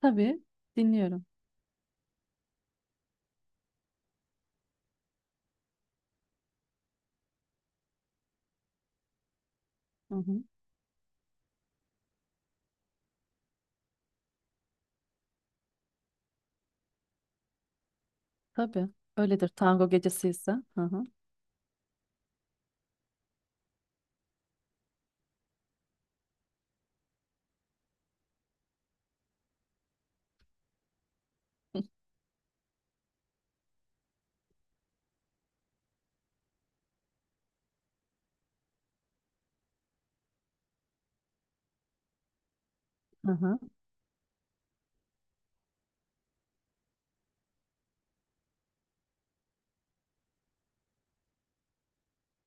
Tabii dinliyorum. Hı hı. Tabii öyledir tango gecesi ise. Hı hı. Hı hı.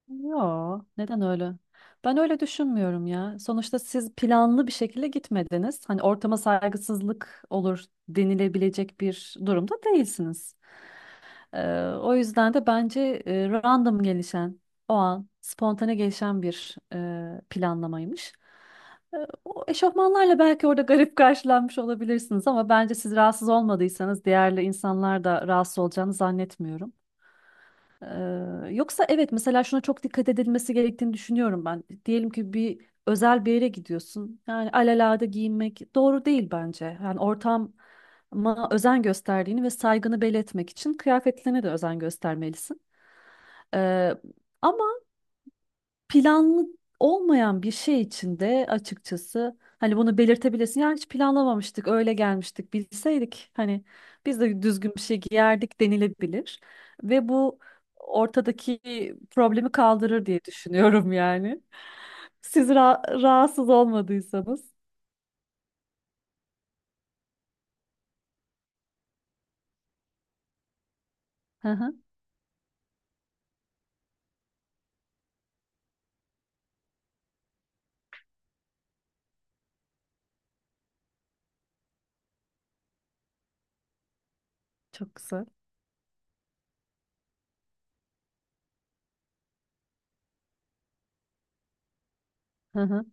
Yo, neden öyle? Ben öyle düşünmüyorum ya. Sonuçta siz planlı bir şekilde gitmediniz. Hani ortama saygısızlık olur denilebilecek bir durumda değilsiniz. O yüzden de bence random gelişen, o an spontane gelişen bir planlamaymış. Ee, O eşofmanlarla belki orada garip karşılanmış olabilirsiniz ama bence siz rahatsız olmadıysanız diğerli insanlar da rahatsız olacağını zannetmiyorum. Yoksa evet mesela şuna çok dikkat edilmesi gerektiğini düşünüyorum ben. Diyelim ki bir özel bir yere gidiyorsun. Yani alelade giyinmek doğru değil bence. Yani ortama özen gösterdiğini ve saygını belli etmek için kıyafetlerine de özen göstermelisin. Ee, Ama planlı olmayan bir şey için de açıkçası hani bunu belirtebilirsin. Ya hiç planlamamıştık, öyle gelmiştik, bilseydik hani biz de düzgün bir şey giyerdik denilebilir. Ve bu ortadaki problemi kaldırır diye düşünüyorum yani. Siz rahatsız olmadıysanız. Hı hı, çok güzel. Hı hı.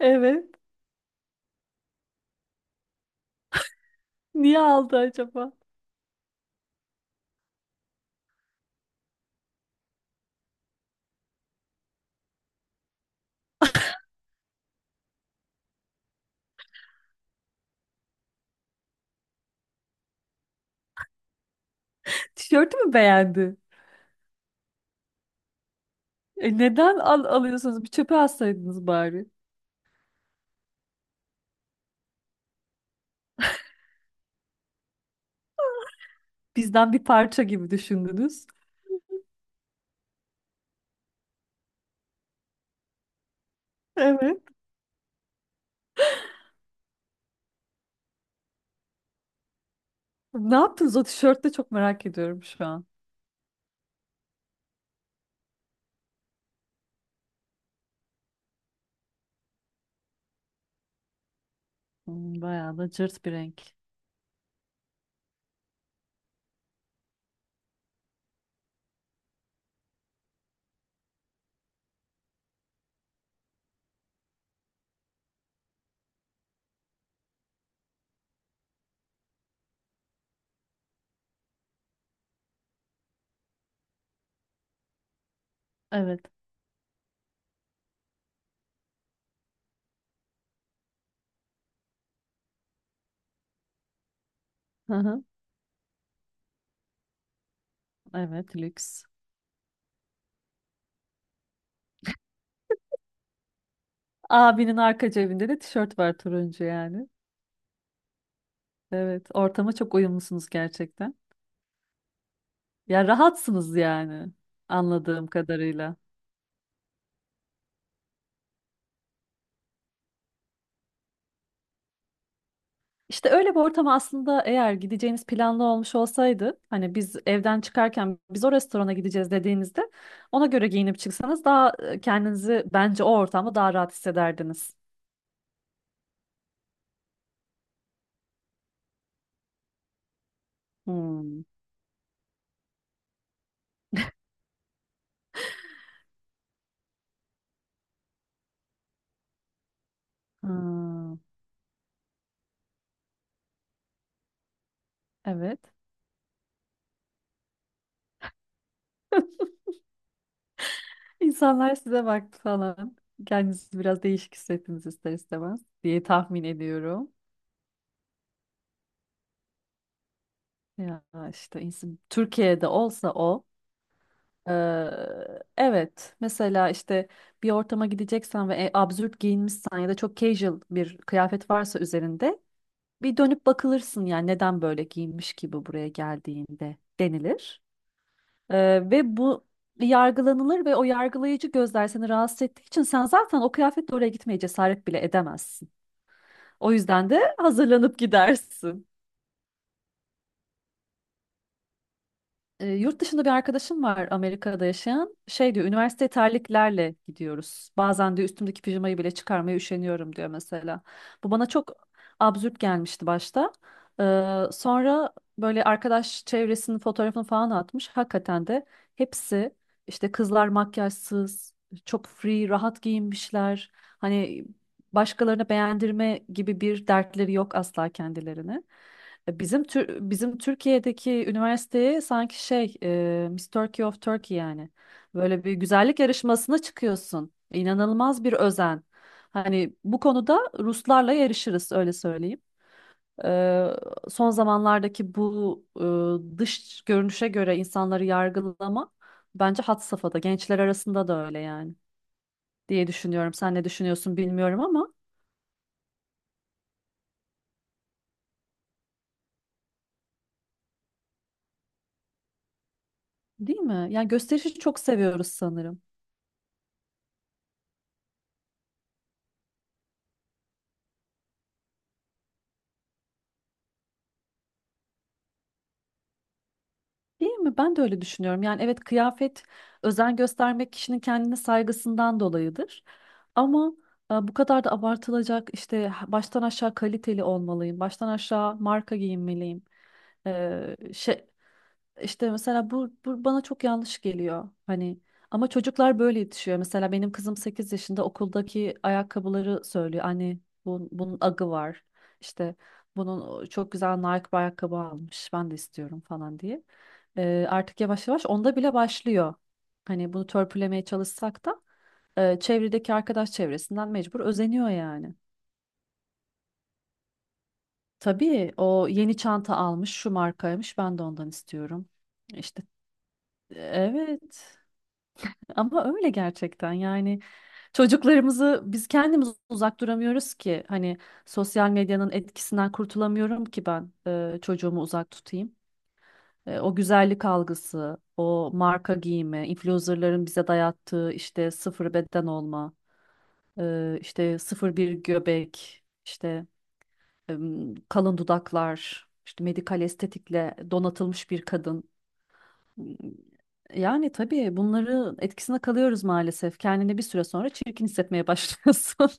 Evet. Niye aldı acaba? Tişörtü mü beğendi? E neden alıyorsunuz? Bir çöpe atsaydınız bari. Bizden bir parça gibi düşündünüz. Evet. Ne yaptınız o tişörtte çok merak ediyorum şu an. Hmm, bayağı da cırt bir renk. Evet. Hı hı. Evet, lüks. Abinin arka cebinde de tişört var turuncu yani. Evet, ortama çok uyumlusunuz gerçekten. Ya rahatsınız yani anladığım kadarıyla. İşte öyle bir ortam aslında eğer gideceğiniz planlı olmuş olsaydı, hani biz evden çıkarken biz o restorana gideceğiz dediğinizde ona göre giyinip çıksanız daha kendinizi bence o ortamda daha rahat hissederdiniz. Hmm. Ha, evet. İnsanlar size baktı falan. Kendinizi biraz değişik hissettiniz ister istemez diye tahmin ediyorum. Ya işte insan, Türkiye'de olsa o. Evet. Mesela işte bir ortama gideceksen ve absürt giyinmişsen ya da çok casual bir kıyafet varsa üzerinde bir dönüp bakılırsın yani neden böyle giyinmiş gibi buraya geldiğinde denilir. Ve bu yargılanılır ve o yargılayıcı gözler seni rahatsız ettiği için sen zaten o kıyafetle oraya gitmeye cesaret bile edemezsin. O yüzden de hazırlanıp gidersin. Yurt dışında bir arkadaşım var Amerika'da yaşayan. Şey diyor, üniversiteye terliklerle gidiyoruz. Bazen diyor üstümdeki pijamayı bile çıkarmaya üşeniyorum diyor mesela. Bu bana çok absürt gelmişti başta. Sonra böyle arkadaş çevresinin fotoğrafını falan atmış. Hakikaten de hepsi işte kızlar makyajsız, çok free, rahat giyinmişler. Hani başkalarına beğendirme gibi bir dertleri yok asla kendilerine. Bizim bizim Türkiye'deki üniversiteye sanki şey Miss Turkey of Turkey yani. Böyle bir güzellik yarışmasına çıkıyorsun. İnanılmaz bir özen. Hani bu konuda Ruslarla yarışırız öyle söyleyeyim. E, Son zamanlardaki bu dış görünüşe göre insanları yargılama bence had safhada. Gençler arasında da öyle yani diye düşünüyorum. Sen ne düşünüyorsun bilmiyorum ama değil mi? Yani gösterişi çok seviyoruz sanırım. Değil mi? Ben de öyle düşünüyorum. Yani evet kıyafet özen göstermek kişinin kendine saygısından dolayıdır. Ama bu kadar da abartılacak işte baştan aşağı kaliteli olmalıyım, baştan aşağı marka giyinmeliyim. İşte mesela bu bana çok yanlış geliyor. Hani ama çocuklar böyle yetişiyor. Mesela benim kızım 8 yaşında okuldaki ayakkabıları söylüyor. Anne bunun agı var. İşte bunun o çok güzel Nike bir ayakkabı almış. Ben de istiyorum falan diye. Artık yavaş yavaş onda bile başlıyor. Hani bunu törpülemeye çalışsak da çevredeki arkadaş çevresinden mecbur özeniyor yani. Tabii o yeni çanta almış, şu markaymış. Ben de ondan istiyorum. İşte evet. Ama öyle gerçekten yani çocuklarımızı biz kendimiz uzak duramıyoruz ki hani sosyal medyanın etkisinden kurtulamıyorum ki ben çocuğumu uzak tutayım. O güzellik algısı, o marka giyimi, influencerların bize dayattığı işte sıfır beden olma, işte sıfır bir göbek, işte kalın dudaklar, işte medikal estetikle donatılmış bir kadın. Yani tabii bunları etkisine kalıyoruz maalesef. Kendini bir süre sonra çirkin hissetmeye başlıyorsun.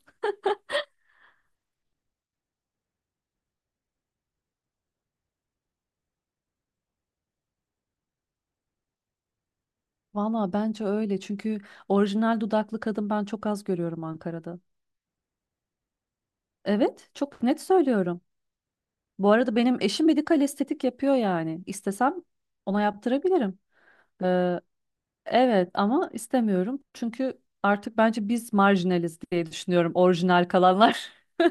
Valla bence öyle çünkü orijinal dudaklı kadın ben çok az görüyorum Ankara'da. Evet, çok net söylüyorum. Bu arada benim eşim medikal estetik yapıyor yani. İstesem ona yaptırabilirim. Ee, evet ama istemiyorum çünkü artık bence biz marjinaliz diye düşünüyorum orijinal kalanlar.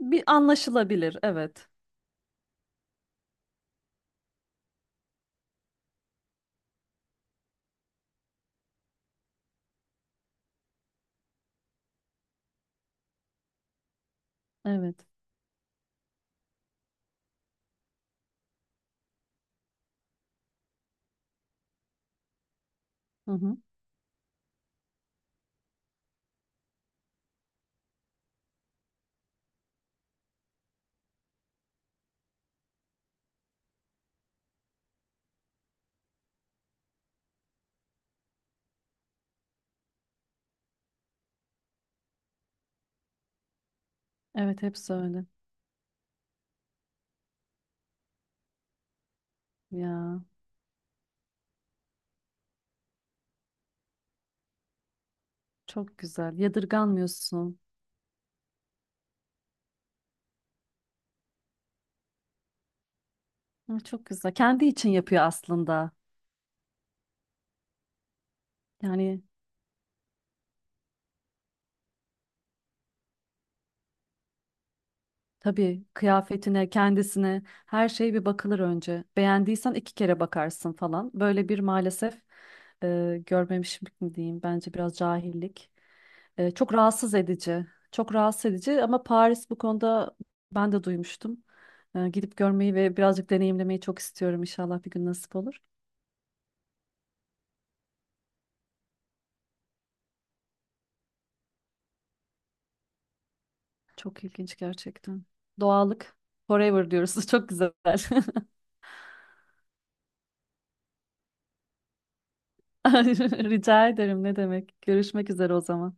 Bir anlaşılabilir, evet. Evet. Hı hı. Evet, hepsi öyle. Ya. Çok güzel. Yadırganmıyorsun. Hı, çok güzel. Kendi için yapıyor aslında. Yani tabii kıyafetine, kendisine her şey bir bakılır önce. Beğendiysen iki kere bakarsın falan. Böyle bir maalesef görmemişlik mi diyeyim? Bence biraz cahillik. Çok rahatsız edici. Çok rahatsız edici ama Paris bu konuda ben de duymuştum. Gidip görmeyi ve birazcık deneyimlemeyi çok istiyorum. İnşallah bir gün nasip olur. Çok ilginç gerçekten. Doğallık. Forever diyoruz. Çok güzel. Rica ederim. Ne demek? Görüşmek üzere o zaman.